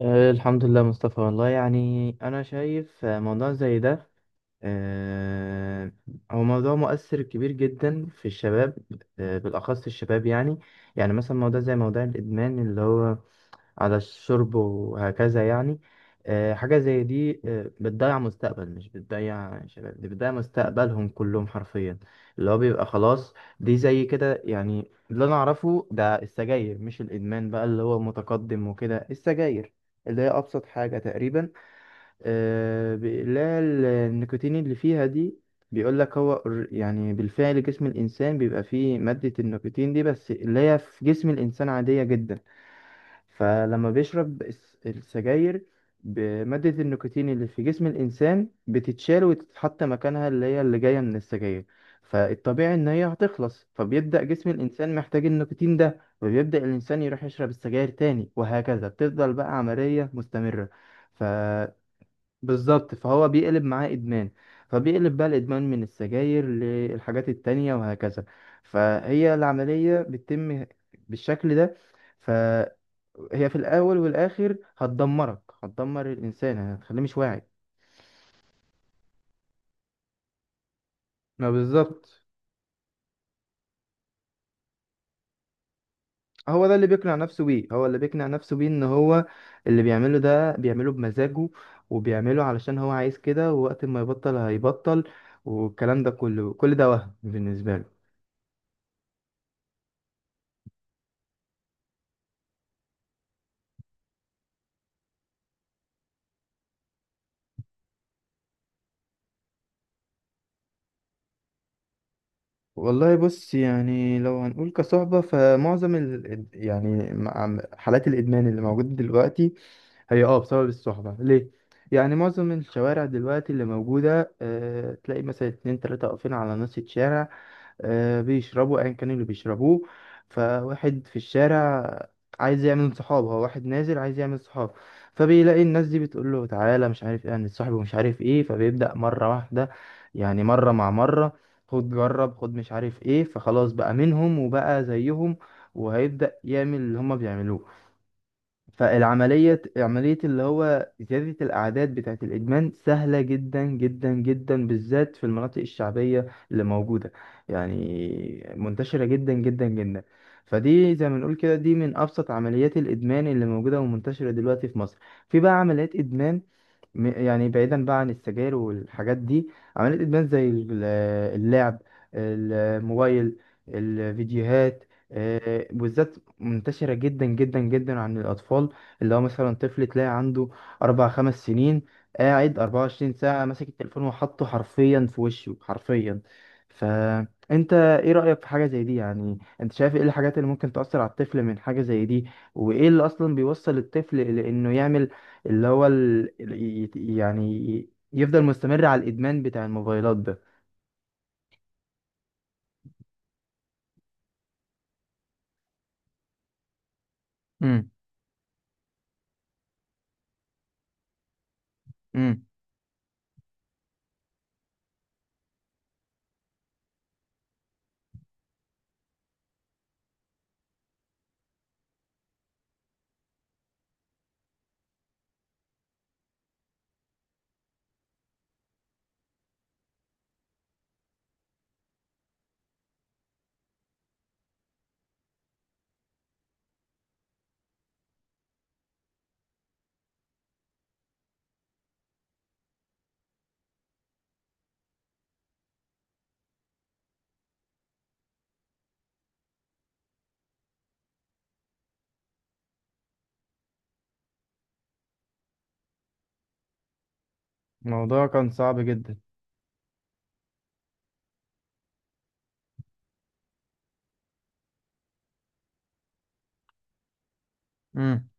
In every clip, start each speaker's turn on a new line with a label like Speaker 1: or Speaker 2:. Speaker 1: الحمد لله مصطفى، والله يعني أنا شايف موضوع زي ده، آه، هو موضوع مؤثر كبير جدا في الشباب، بالأخص الشباب يعني. يعني مثلا موضوع زي موضوع الإدمان اللي هو على الشرب وهكذا، يعني حاجة زي دي بتضيع مستقبل، مش بتضيع شباب، دي بتضيع مستقبلهم كلهم حرفيا. اللي هو بيبقى خلاص، دي زي كده يعني اللي أنا أعرفه ده السجاير. مش الإدمان بقى اللي هو متقدم وكده، السجاير اللي هي أبسط حاجة تقريبا. اللي هي النيكوتين اللي فيها دي، بيقول لك هو يعني بالفعل جسم الإنسان بيبقى فيه مادة النيكوتين دي، بس اللي هي في جسم الإنسان عادية جدا. فلما بيشرب السجاير، مادة النيكوتين اللي في جسم الإنسان بتتشال وتتحط مكانها اللي هي اللي جاية من السجاير. فالطبيعي إن هي هتخلص، فبيبدأ جسم الإنسان محتاج النيكوتين ده، فبيبدأ الإنسان يروح يشرب السجاير تاني، وهكذا بتفضل بقى عملية مستمرة. ف بالظبط، فهو بيقلب معاه إدمان، فبيقلب بقى الإدمان من السجاير للحاجات التانية وهكذا. فهي العملية بتتم بالشكل ده. هي في الاول والاخر هتدمرك، هتدمر الانسان، هتخليه مش واعي. ما بالظبط. هو ده اللي بيقنع نفسه بيه، هو اللي بيقنع نفسه بيه ان هو اللي بيعمله ده بيعمله بمزاجه، وبيعمله علشان هو عايز كده، ووقت ما يبطل هيبطل، والكلام ده كله كل ده وهم بالنسبة له. والله بص، يعني لو هنقول كصحبة فمعظم حالات الإدمان اللي موجودة دلوقتي هي اه بسبب الصحبة. ليه؟ يعني معظم الشوارع دلوقتي اللي موجودة أه تلاقي مثلا اتنين تلاتة واقفين على نص الشارع، أه بيشربوا أيا كان اللي بيشربوه. فواحد في الشارع عايز يعمل صحاب، هو واحد نازل عايز يعمل صحاب، فبيلاقي الناس دي بتقول له تعالى مش عارف ايه هنتصاحب ومش عارف ايه، فبيبدأ مرة واحدة. يعني مرة مع مرة، خد جرب خد مش عارف ايه، فخلاص بقى منهم وبقى زيهم، وهيبدأ يعمل اللي هما بيعملوه. فالعملية عملية اللي هو زيادة الأعداد بتاعة الإدمان سهلة جدا جدا جدا، بالذات في المناطق الشعبية اللي موجودة. يعني منتشرة جدا جدا جدا. فدي زي ما نقول كده دي من أبسط عمليات الإدمان اللي موجودة ومنتشرة دلوقتي في مصر. في بقى عمليات إدمان، يعني بعيدا بقى عن السجاير والحاجات دي، عمليات ادمان زي اللعب، الموبايل، الفيديوهات. بالذات منتشرة جدا جدا جدا عن الأطفال. اللي هو مثلا طفل تلاقي عنده 4 أو 5 سنين، قاعد 24 ساعة ماسك التليفون وحاطه حرفيا في وشه حرفيا. فأنت إيه رأيك في حاجة زي دي؟ يعني أنت شايف إيه الحاجات اللي ممكن تأثر على الطفل من حاجة زي دي، وإيه اللي أصلا بيوصل الطفل لإنه يعمل اللي هو يعني يفضل مستمر على الإدمان بتاع الموبايلات ده. امم. امم. الموضوع كان صعب جدا. امم.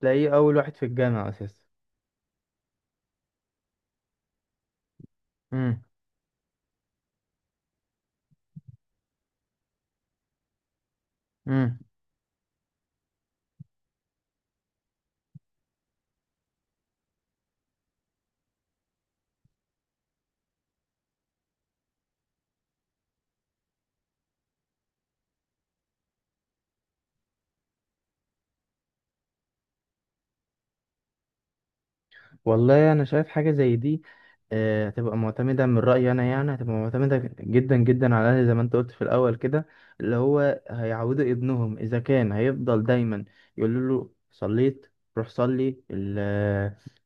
Speaker 1: تلاقيه أول واحد في الجامعة أساسا. امم. والله انا شايف حاجه زي دي هتبقى معتمده من رايي انا، يعني هتبقى معتمده جدا جدا على زي ما انت قلت في الاول كده، اللي هو هيعودوا ابنهم اذا كان هيفضل دايما يقول له صليت، روح صلي ال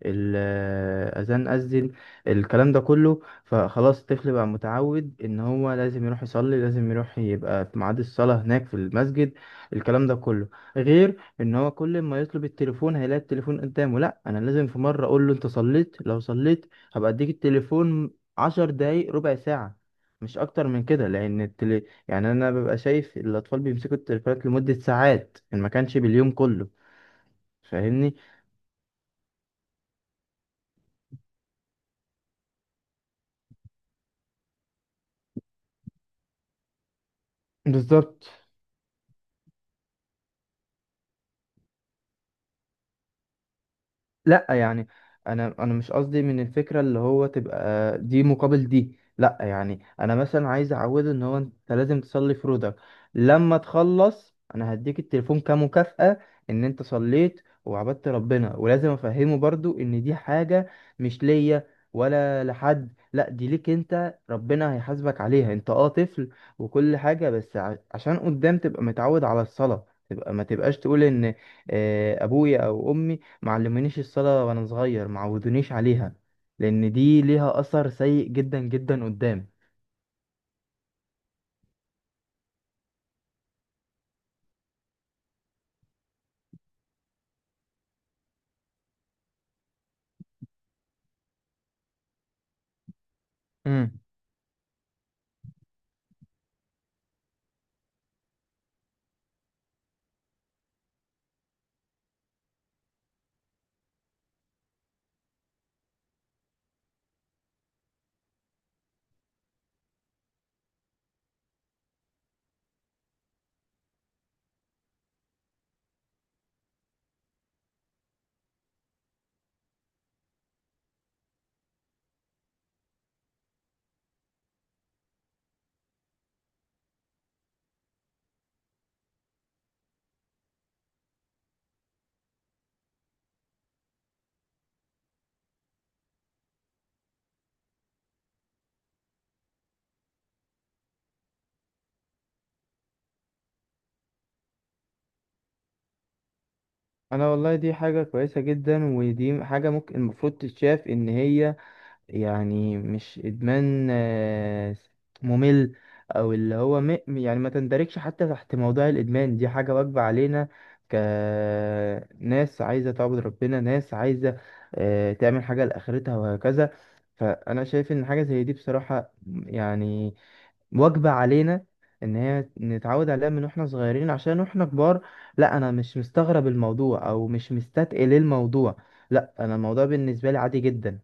Speaker 1: ال اذان اذن، الكلام ده كله. فخلاص الطفل بقى متعود ان هو لازم يروح يصلي، لازم يروح يبقى في ميعاد الصلاه هناك في المسجد، الكلام ده كله. غير ان هو كل ما يطلب التليفون هيلاقي التليفون قدامه. لا، انا لازم في مره اقول له انت صليت؟ لو صليت هبقى اديك التليفون 10 دقايق، ربع ساعه، مش اكتر من كده، لان يعني انا ببقى شايف الاطفال بيمسكوا التليفونات لمده ساعات ان ما كانش باليوم كله. فاهمني. بالظبط. لا يعني انا مش قصدي من الفكره اللي هو تبقى دي مقابل دي، لا يعني انا مثلا عايز اعوده ان هو انت لازم تصلي فروضك، لما تخلص انا هديك التليفون كمكافأة ان انت صليت وعبدت ربنا. ولازم افهمه برضو ان دي حاجه مش ليا ولا لحد، لا دي ليك انت، ربنا هيحاسبك عليها انت، اه طفل، وكل حاجه. بس عشان قدام تبقى متعود على الصلاه، تبقى ما تبقاش تقول ان ابويا او امي معلمينيش الصلاة وانا صغير معودونيش عليها، لان دي ليها اثر سيء جدا جدا قدام. امم. انا والله دي حاجة كويسة جدا، ودي حاجة ممكن المفروض تتشاف ان هي، يعني مش ادمان ممل، او اللي هو يعني ما تندرجش حتى تحت موضوع الادمان. دي حاجة واجبة علينا كناس عايزة تعبد ربنا، ناس عايزة تعمل حاجة لآخرتها وهكذا. فانا شايف ان حاجة زي دي بصراحة، يعني واجبة علينا ان هي نتعود عليها من واحنا صغيرين عشان واحنا كبار. لا انا مش مستغرب الموضوع او مش مستثقل الموضوع، لا انا الموضوع بالنسبة لي عادي جدا.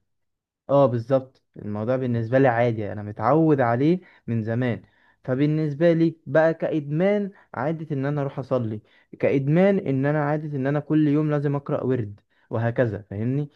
Speaker 1: اه بالظبط، الموضوع بالنسبة لي عادي، انا متعود عليه من زمان. فبالنسبة لي بقى كإدمان عادة ان انا اروح اصلي، كإدمان ان انا عادة ان انا كل يوم لازم اقرأ ورد وهكذا، فاهمني.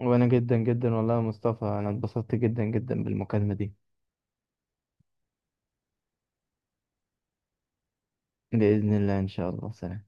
Speaker 1: وانا جدا جدا والله يا مصطفى انا اتبسطت جدا جدا بالمكالمة دي. بإذن الله، ان شاء الله، سلام.